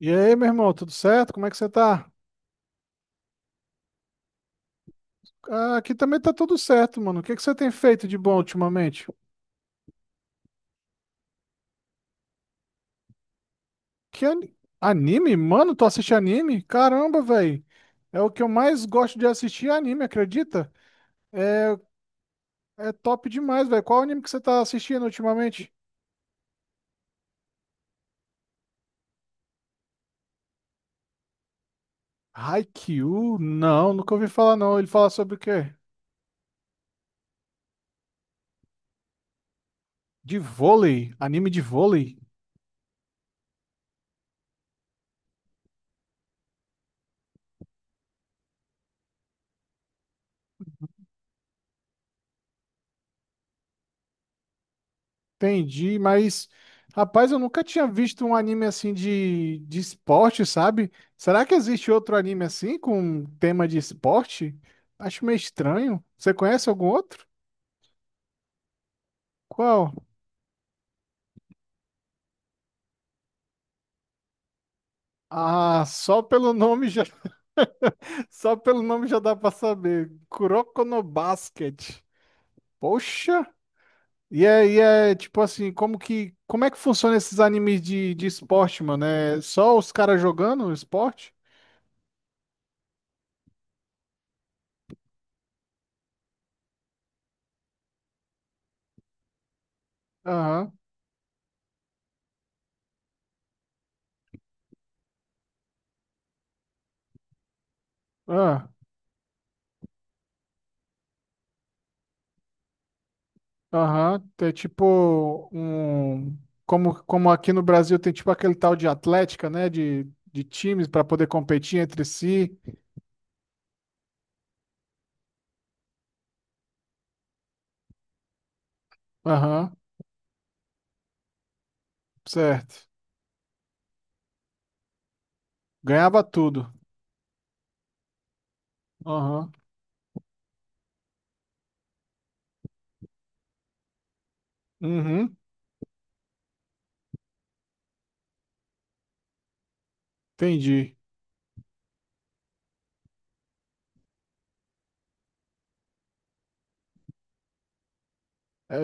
E aí, meu irmão, tudo certo? Como é que você tá? Ah, aqui também tá tudo certo, mano. O que que você tem feito de bom ultimamente? Que anime? Mano, tu assiste anime? Caramba, velho. É o que eu mais gosto de assistir, é anime, acredita? É top demais, velho. Qual anime que você tá assistindo ultimamente? Haikyuu? Não, nunca ouvi falar não. Ele fala sobre o quê? De vôlei? Anime de vôlei? Entendi, mas rapaz, eu nunca tinha visto um anime assim de esporte, sabe? Será que existe outro anime assim com um tema de esporte? Acho meio estranho. Você conhece algum outro? Qual? Ah, só pelo nome já, só pelo nome já dá pra saber. Kuroko no Basket. Poxa! E é tipo assim, como que, como é que funciona esses animes de esporte, mano? É só os caras jogando esporte? Aham. Ah. Aham, é tipo um. Como, como aqui no Brasil tem tipo aquele tal de Atlética, né? De times para poder competir entre si. Aham, certo. Ganhava tudo. Aham, uhum, entendi. É,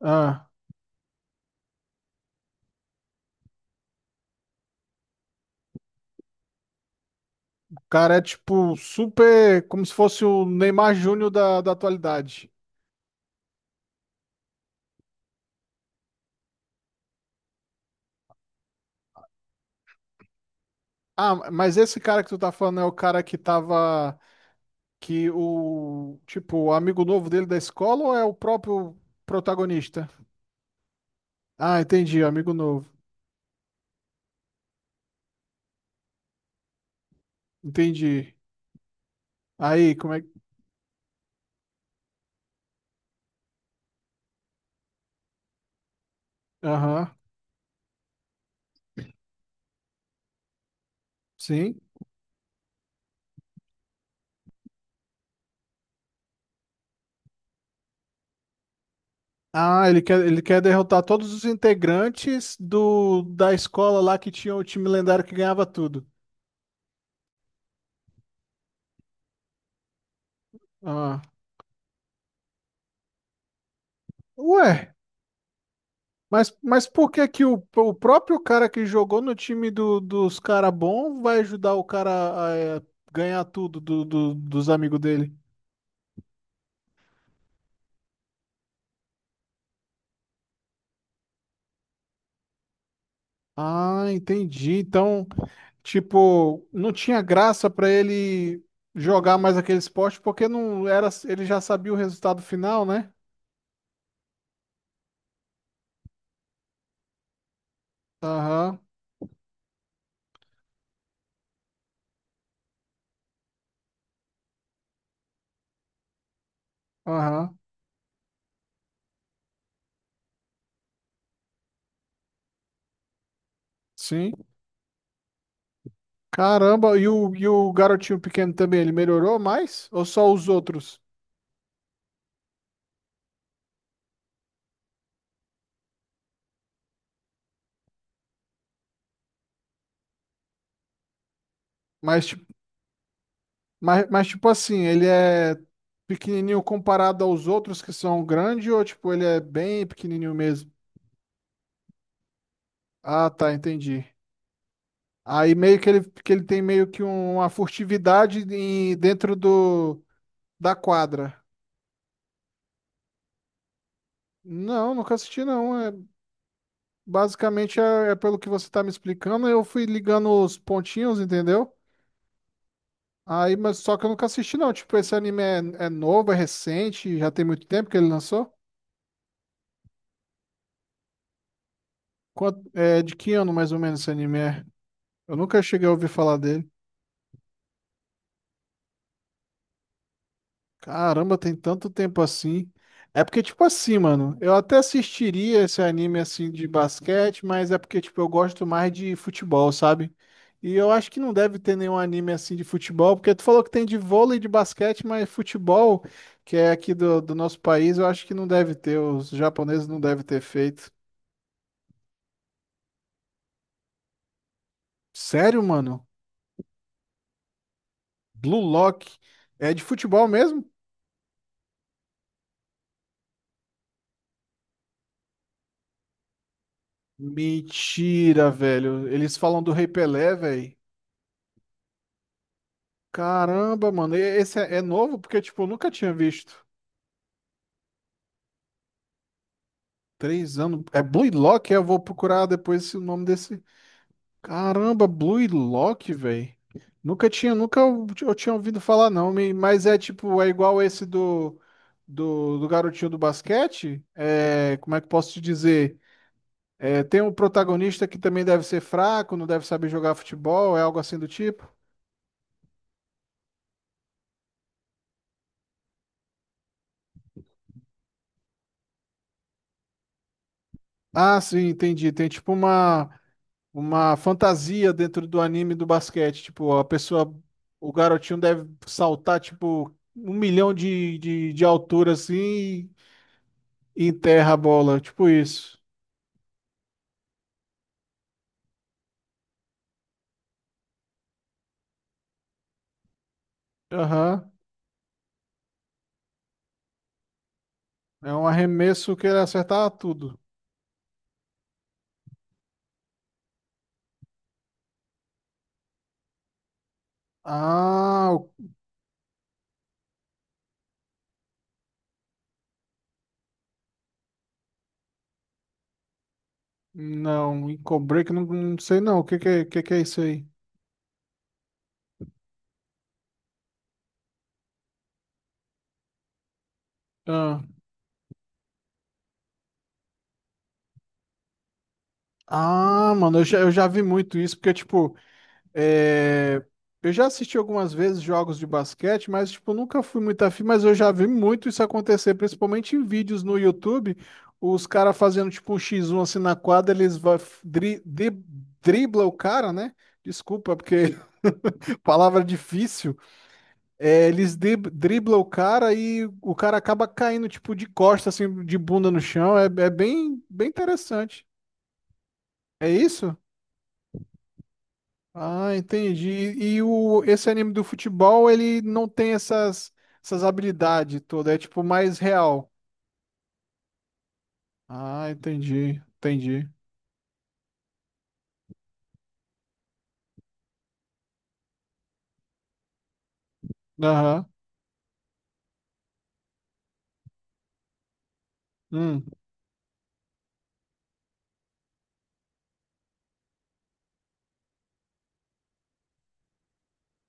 ah, o cara é tipo super. Como se fosse o Neymar Júnior da atualidade. Ah, mas esse cara que tu tá falando é o cara que tava. Que o. Tipo, o amigo novo dele da escola ou é o próprio protagonista? Ah, entendi, amigo novo. Entendi. Aí, como é que. Aham, sim. Ah, ele quer derrotar todos os integrantes do da escola lá que tinha o time lendário que ganhava tudo. Ah. Ué, mas por que que o próprio cara que jogou no time dos cara bom vai ajudar o cara a, eh, ganhar tudo dos amigos dele? Ah, entendi. Então. Tipo, não tinha graça pra ele jogar mais aquele esporte porque não era, ele já sabia o resultado final, né? Aham, aham. Sim. Caramba, e o garotinho pequeno também, ele melhorou mais? Ou só os outros? Mas, ti- mas, tipo assim, ele é pequenininho comparado aos outros que são grandes ou tipo, ele é bem pequenininho mesmo? Ah, tá, entendi. Aí meio que ele tem meio que um, uma furtividade dentro do, da quadra. Não, nunca assisti não. É, basicamente é, é pelo que você tá me explicando, eu fui ligando os pontinhos, entendeu? Aí, mas só que eu nunca assisti não. Tipo, esse anime é, é novo, é recente, já tem muito tempo que ele lançou? Quanto, é de que ano mais ou menos esse anime é? Eu nunca cheguei a ouvir falar dele. Caramba, tem tanto tempo assim. É porque, tipo assim, mano, eu até assistiria esse anime assim de basquete, mas é porque, tipo, eu gosto mais de futebol, sabe? E eu acho que não deve ter nenhum anime assim de futebol, porque tu falou que tem de vôlei e de basquete, mas futebol, que é aqui do, do nosso país, eu acho que não deve ter. Os japoneses não devem ter feito. Sério, mano? Blue Lock é de futebol mesmo? Mentira, velho. Eles falam do Rei Pelé, velho. Caramba, mano, esse é, é novo porque, tipo, eu nunca tinha visto. 3 anos. É Blue Lock? Eu vou procurar depois o nome desse. Caramba, Blue Lock, velho. Nunca tinha, nunca eu, eu tinha ouvido falar, não. Mas é tipo, é igual esse do, do garotinho do basquete. É, como é que eu posso te dizer? É, tem um protagonista que também deve ser fraco, não deve saber jogar futebol, é algo assim do tipo. Ah, sim, entendi. Tem tipo uma fantasia dentro do anime do basquete. Tipo, a pessoa, o garotinho deve saltar, tipo, 1.000.000 de altura assim e enterra a bola. Tipo isso. Aham. É um arremesso que ele acertar tudo. Ah, o- não. Em Break, não, não sei não. O que que, que é isso aí? Ah, ah, mano, eu já vi muito isso, porque, tipo. É, eu já assisti algumas vezes jogos de basquete, mas tipo, nunca fui muito afim, mas eu já vi muito isso acontecer, principalmente em vídeos no YouTube, os caras fazendo tipo um X1 assim na quadra, eles vai, dri, dri- dribla o cara, né? Desculpa, porque palavra difícil. É, eles dribla o cara e o cara acaba caindo tipo de costa assim, de bunda no chão. É, bem, bem interessante. É isso? Ah, entendi. E o, esse anime do futebol, ele não tem essas, essas habilidades todas, é tipo mais real. Ah, entendi, entendi. Aham. Hum.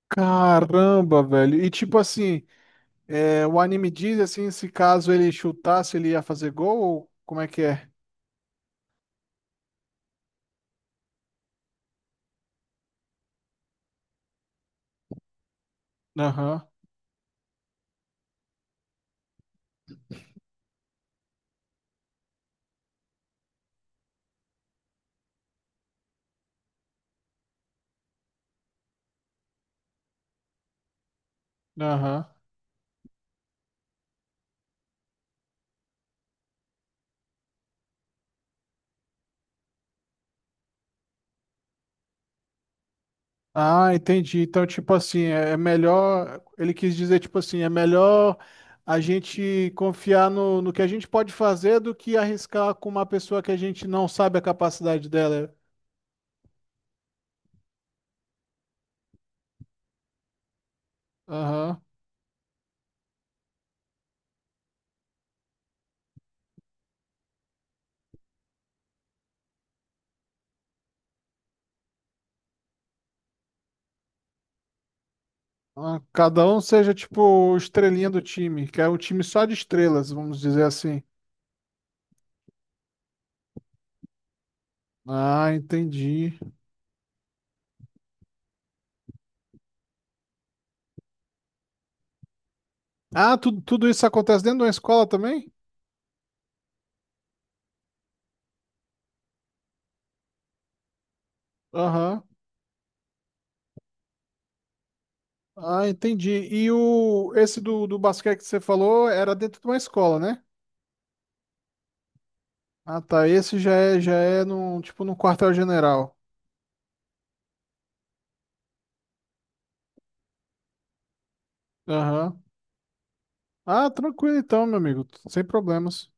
Caramba, velho. E tipo assim, é, o anime diz assim, se caso ele chutasse, ele ia fazer gol, ou como é que é? Aham, aham. Ah, entendi. Então, tipo assim, é melhor. Ele quis dizer, tipo assim, é melhor a gente confiar no, no que a gente pode fazer do que arriscar com uma pessoa que a gente não sabe a capacidade dela. Aham. Ah, cada um seja, tipo, o estrelinha do time, que é um time só de estrelas, vamos dizer assim. Ah, entendi. Ah, tudo, tudo isso acontece dentro de uma escola também? Aham. Ah, entendi. E o, esse do, do basquete que você falou era dentro de uma escola, né? Ah, tá. Esse já é no, tipo, no quartel-general. Aham. Ah, tranquilo então, meu amigo. Sem problemas.